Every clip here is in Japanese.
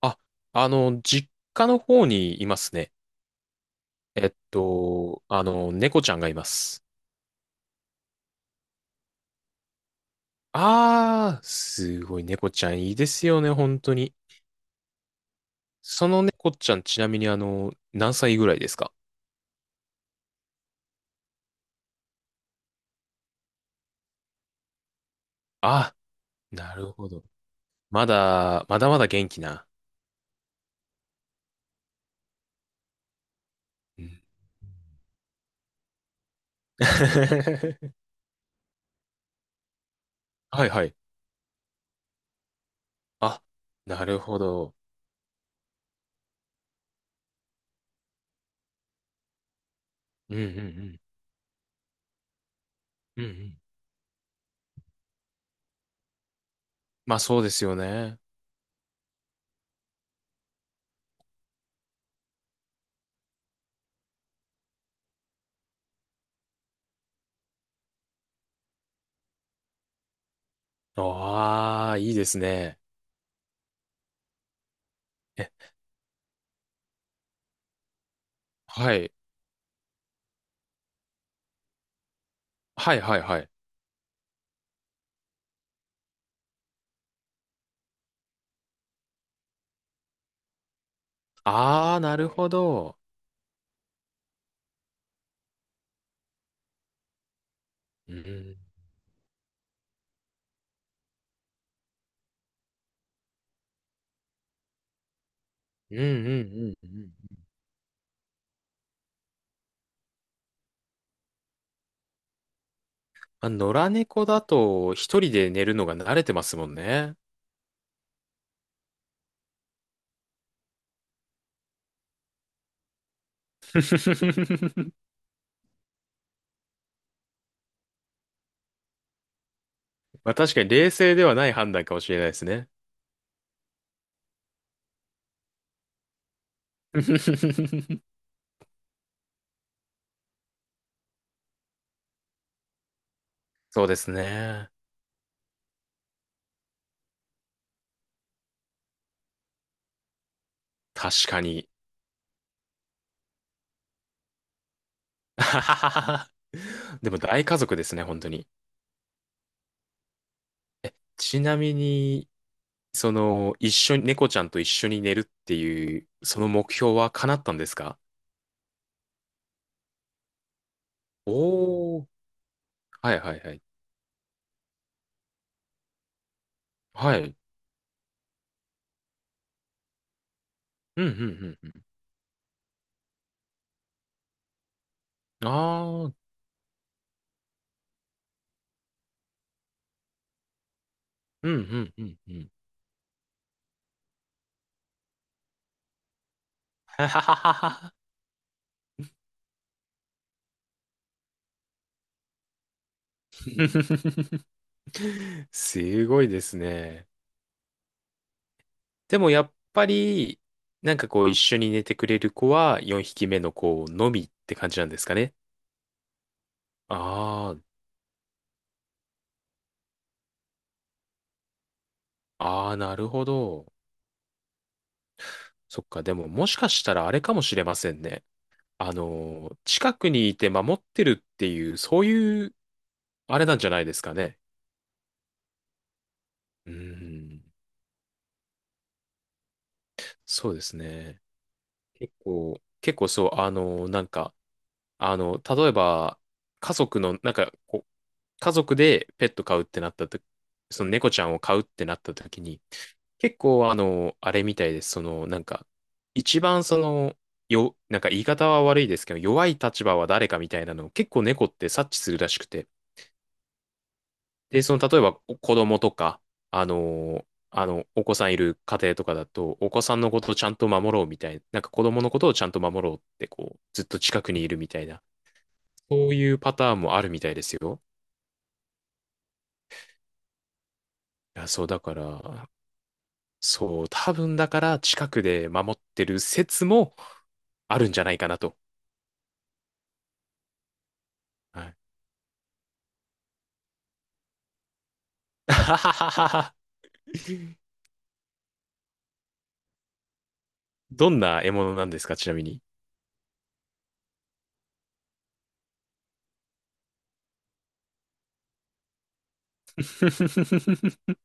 あ、実家の方にいますね。猫ちゃんがいます。あー、すごい猫ちゃんいいですよね、本当に。その猫ちゃん、ちなみに何歳ぐらいですか？あ、なるほど。まだまだ元気な。うん。 はいはい。あ、なるほど。うんうんうん。うんうん。まあそうですよね。ああ、いいですね。え、はい。はいはいはい。ああ、なるほど。うん。うんうんうんうん。まあ、野良猫だと一人で寝るのが慣れてますもんね。まあ確かに冷静ではない判断かもしれないですね。そうですね。確かに。でも大家族ですね、本当に。ちなみに、その、一緒に、猫ちゃんと一緒に寝るっていう、その目標は叶ったんですか？おー。はいはいはい。はい。うんうんうんうん。あー。うんうんうんうん。はははは。 すごいですね。でもやっぱり、なんかこう一緒に寝てくれる子は4匹目の子のみって感じなんですかね。ああ、ああ、なるほど。そっか、でももしかしたらあれかもしれませんね。あのー、近くにいて守ってるっていう、そういう、あれなんじゃないですかね。うーん、そうですね。結構そう、例えば、家族の、なんか、こう家族でペット飼うってなったと、その猫ちゃんを飼うってなった時に、結構あの、あれみたいです。一番その、よ、なんか言い方は悪いですけど、弱い立場は誰かみたいなのを結構猫って察知するらしくて。で、その、例えばお子供とか、お子さんいる家庭とかだと、お子さんのことをちゃんと守ろうみたいな、なんか子供のことをちゃんと守ろうって、こう、ずっと近くにいるみたいな、そういうパターンもあるみたいですよ。いや、そう、だから、そう、多分だから近くで守ってる説もあるんじゃないかなと。はい。あはははは。どんな獲物なんですか、ちなみに。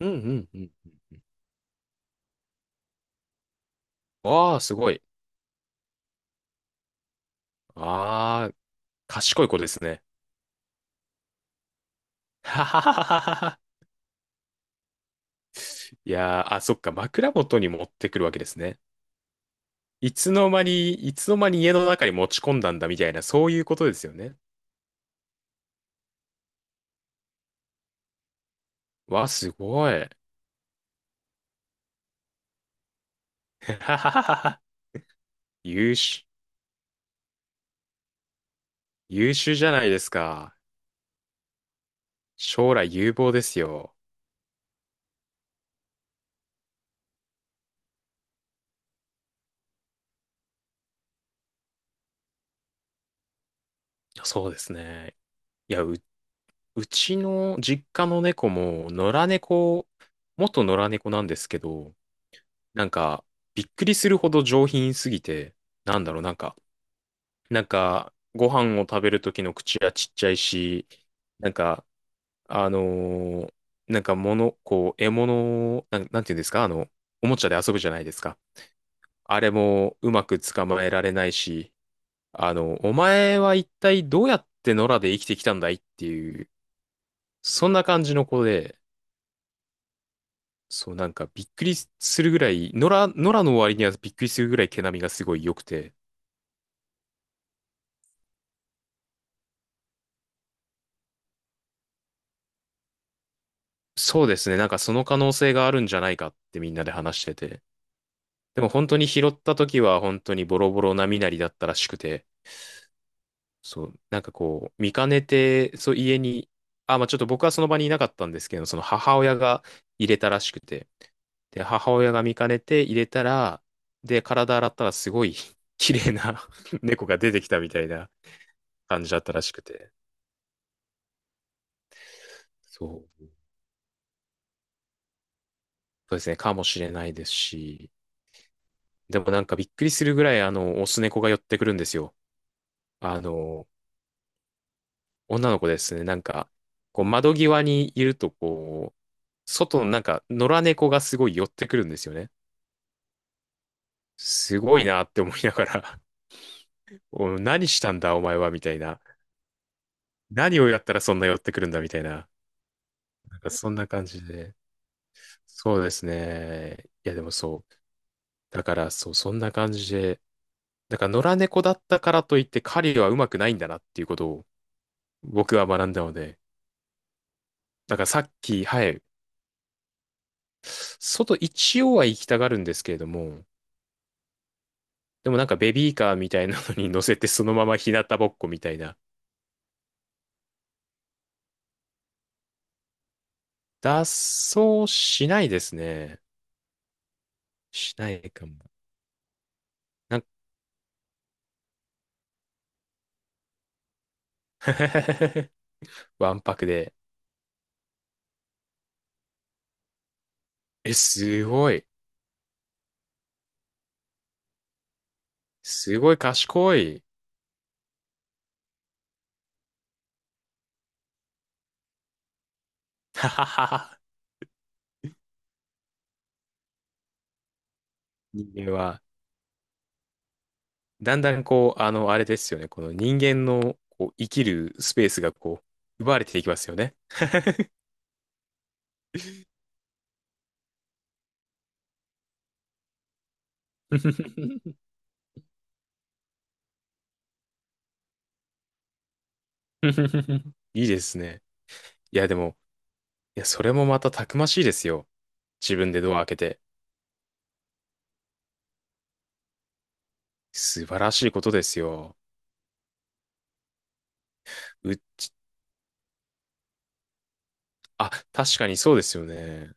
うんうんうん。わあ、すごい。ああ、賢い子ですね。ははははは。いやー、あ、そっか、枕元に持ってくるわけですね。いつの間に家の中に持ち込んだんだみたいな、そういうことですよね。わあ、すごい。はははは。優秀、優秀じゃないですか。将来有望ですよ。そうですね。いや、う、うちの実家の猫も、野良猫、元野良猫なんですけど、なんか、びっくりするほど上品すぎて、なんだろう、なんか、ご飯を食べる時の口はちっちゃいし、なんか、あのーなんか物、こう、獲物を、なん、なんていうんですか、あの、おもちゃで遊ぶじゃないですか。あれもうまく捕まえられないし、あの、お前は一体どうやって野良で生きてきたんだいっていう、そんな感じの子で、そうなんかびっくりするぐらい、野良の割にはびっくりするぐらい毛並みがすごい良くて、そうですね、なんかその可能性があるんじゃないかってみんなで話してて、でも本当に拾った時は本当にボロボロな身なりだったらしくて、そう、なんかこう、見かねて、そう、家に、あ、まあちょっと僕はその場にいなかったんですけど、その母親が入れたらしくて、で、母親が見かねて入れたら、で、体洗ったらすごい 綺麗な 猫が出てきたみたいな感じだったらしくて、そう、そうですね、かもしれないですし、でもなんかびっくりするぐらい、あの、オス猫が寄ってくるんですよ。あの女の子ですね。なんか、こう窓際にいると、こう、外のなんか野良猫がすごい寄ってくるんですよね。すごいなって思いながら、 お、何したんだお前はみたいな。何をやったらそんな寄ってくるんだみたいな。なんかそんな感じで。そうですね。いやでもそう。だからそう、そんな感じで。だから野良猫だったからといって狩りはうまくないんだなっていうことを僕は学んだので。だからさっき、はい。外一応は行きたがるんですけれども、でもなんかベビーカーみたいなのに乗せてそのまま日向ぼっこみたいな。脱走しないですね。しないかも。なんか わんぱくで。え、すごい。すごい賢い。はははは。人間は。だんだんこう、あの、あれですよね。この人間のこう生きるスペースがこう、奪われていきますよね。いいですね。いや、でも、いや、それもまたたくましいですよ。自分でドア開けて。素晴らしいことですよ。う、あ、確かにそうですよね。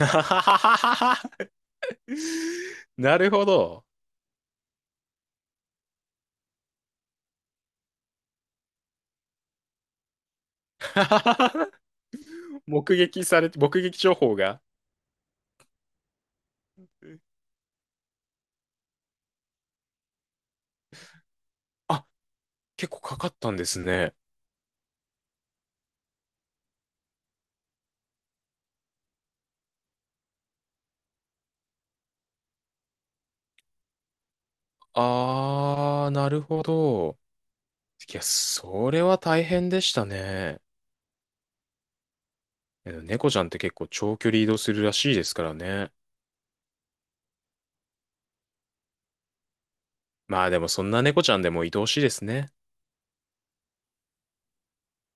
なるほど。目撃されて、目撃情報が。あ、結構かかったんですね。あー、なるほど。いや、それは大変でしたね。え猫ちゃんって結構長距離移動するらしいですからね。まあでもそんな猫ちゃんでも愛おしいですね。